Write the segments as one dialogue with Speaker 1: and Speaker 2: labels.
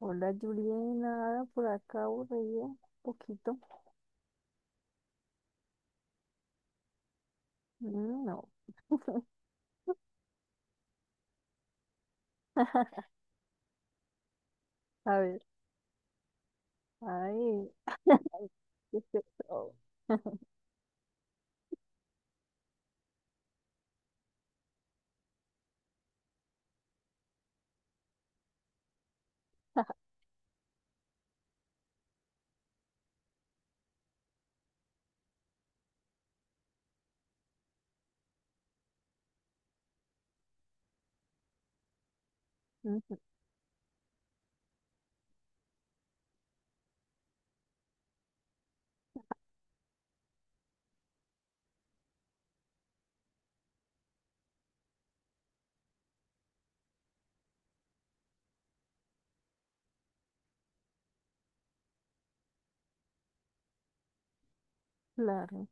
Speaker 1: Hola Juliana, ah, por acá aburrida, un poquito. No. A ver, ay, ay, ¿qué es esto? Mm. Claro,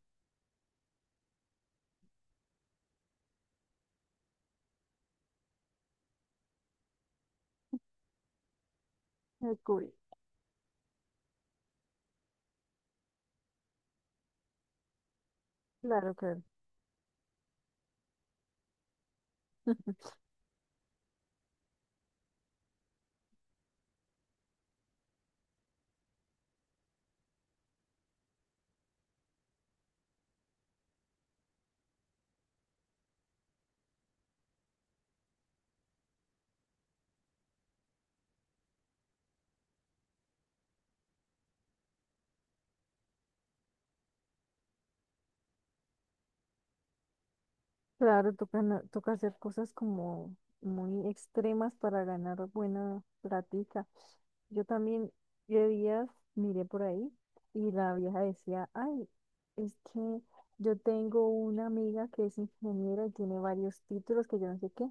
Speaker 1: descubrí. Claro, claro. Claro, toca, toca hacer cosas como muy extremas para ganar buena platica. Yo también, de días, miré por ahí y la vieja decía, ay, es que yo tengo una amiga que es ingeniera y tiene varios títulos que yo no sé qué.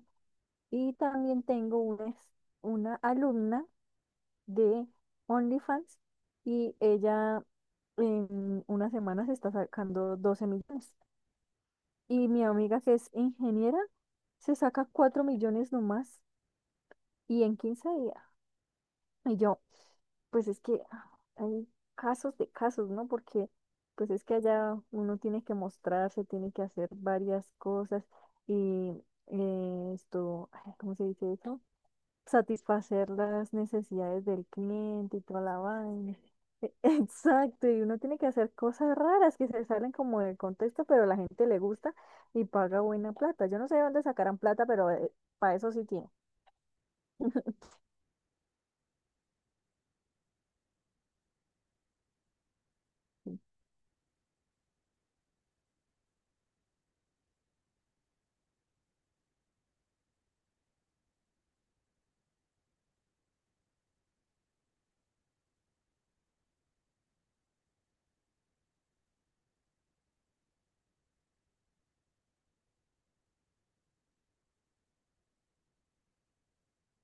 Speaker 1: Y también tengo una, una alumna de OnlyFans, y ella en unas semanas está sacando 12 millones. Y mi amiga que es ingeniera se saca 4 millones nomás y en 15 días. Y yo, pues es que hay casos de casos, ¿no? Porque pues es que allá uno tiene que mostrarse, tiene que hacer varias cosas y ¿cómo se dice eso? Satisfacer las necesidades del cliente y toda la vaina. Exacto, y uno tiene que hacer cosas raras que se salen como del contexto, pero la gente le gusta y paga buena plata. Yo no sé de dónde sacarán plata, pero para eso sí tiene.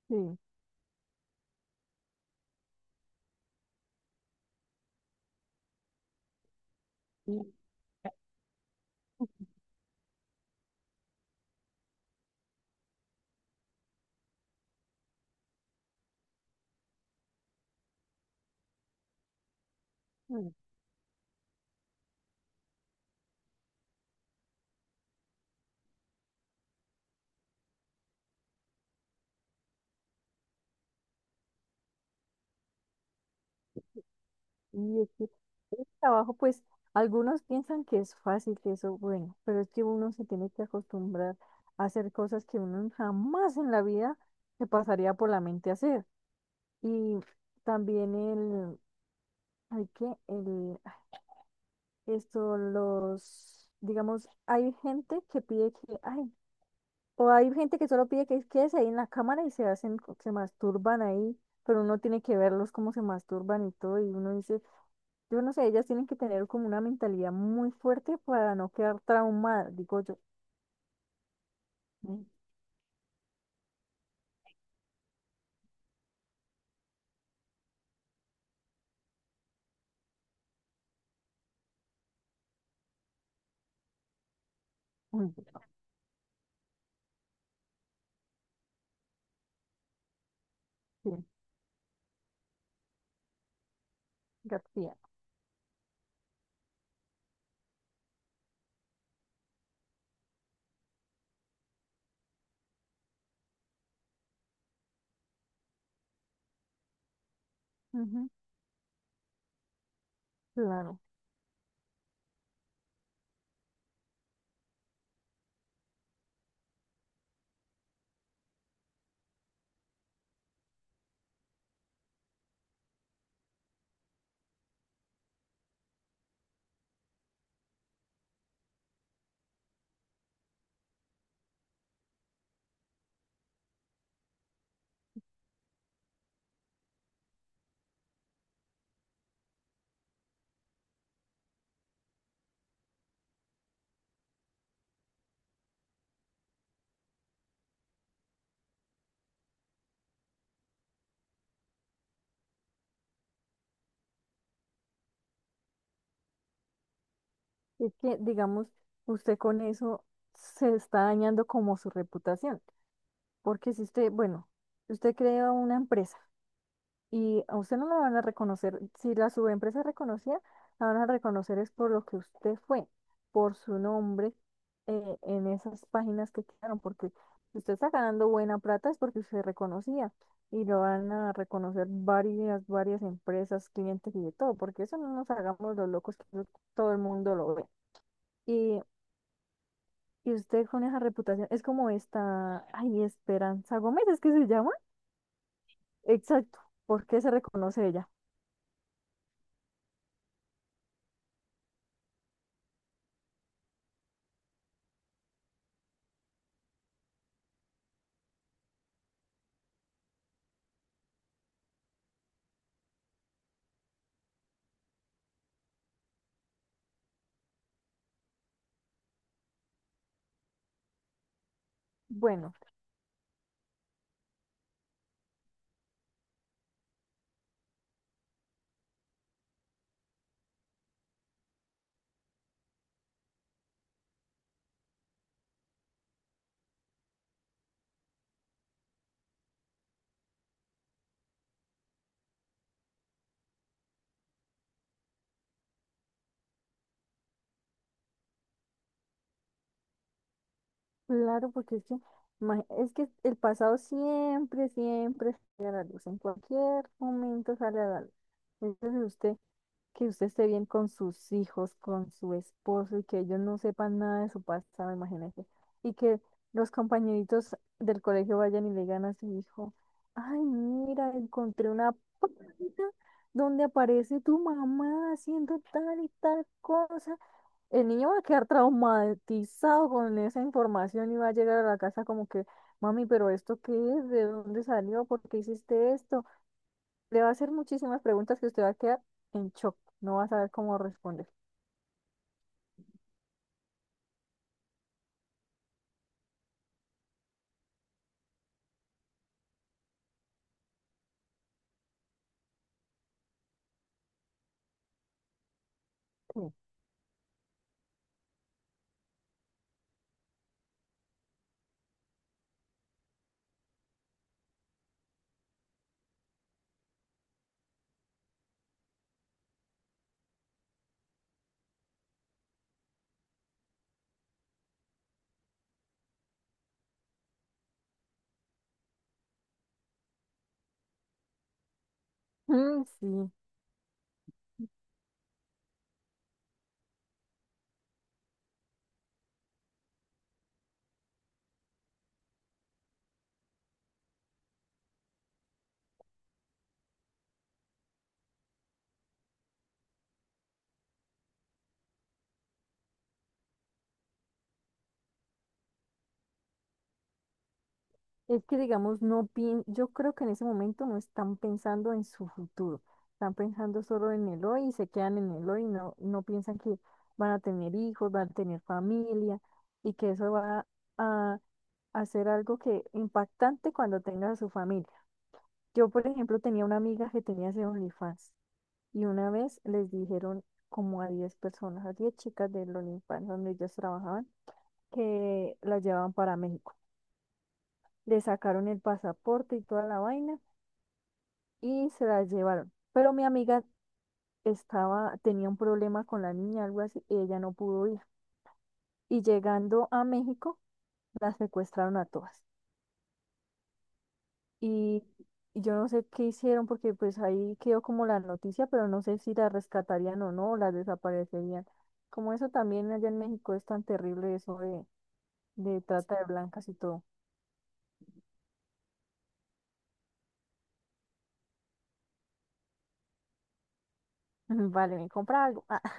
Speaker 1: Sí, sí, y es que el trabajo, pues, algunos piensan que es fácil, que eso, bueno, pero es que uno se tiene que acostumbrar a hacer cosas que uno jamás en la vida se pasaría por la mente hacer. Y también hay que el, esto, los, digamos, hay gente que pide que, ay, o hay gente que solo pide que quedes ahí en la cámara y se hacen, se masturban ahí, pero uno tiene que verlos cómo se masturban y todo, y uno dice, yo no sé, ellas tienen que tener como una mentalidad muy fuerte para no quedar traumada, digo yo. Mm, uy, sí, García. Ujú, claro. Es que, digamos, usted con eso se está dañando como su reputación. Porque si usted, bueno, si usted crea una empresa y a usted no la van a reconocer, si la subempresa es reconocida, la van a reconocer es por lo que usted fue, por su nombre, en esas páginas que quedaron, porque si usted está ganando buena plata es porque usted reconocía y lo van a reconocer varias empresas, clientes y de todo, porque eso, no nos hagamos los locos, que eso todo el mundo lo ve. Y, y usted con esa reputación es como esta, ay, Esperanza Gómez, es que se llama. Exacto, ¿por qué se reconoce ella? Bueno, claro, porque es que, es que el pasado siempre sale a la luz, en cualquier momento sale a la luz. Entonces usted, que usted esté bien con sus hijos, con su esposo, y que ellos no sepan nada de su pasado, imagínese. Y que los compañeritos del colegio vayan y le digan a su hijo, ay, mira, encontré una página donde aparece tu mamá haciendo tal y tal cosa. El niño va a quedar traumatizado con esa información y va a llegar a la casa como que, mami, pero ¿esto qué es? ¿De dónde salió? ¿Por qué hiciste esto? Le va a hacer muchísimas preguntas que usted va a quedar en shock, no va a saber cómo responder. Sí. Mm, sí. Es que, digamos, no pien- yo creo que en ese momento no están pensando en su futuro, están pensando solo en el hoy y se quedan en el hoy, no, no piensan que van a tener hijos, van a tener familia y que eso va a hacer algo que impactante cuando tenga a su familia. Yo, por ejemplo, tenía una amiga que tenía ese OnlyFans y una vez les dijeron como a 10 personas, a 10 chicas del OnlyFans donde ellos trabajaban, que las llevaban para México. Le sacaron el pasaporte y toda la vaina y se la llevaron. Pero mi amiga estaba, tenía un problema con la niña, algo así, y ella no pudo ir. Y llegando a México, las secuestraron a todas. Y y yo no sé qué hicieron, porque pues ahí quedó como la noticia, pero no sé si la rescatarían o no, o las desaparecerían. Como eso también allá en México es tan terrible eso de trata de blancas y todo. Vale, me compra algo. Ah,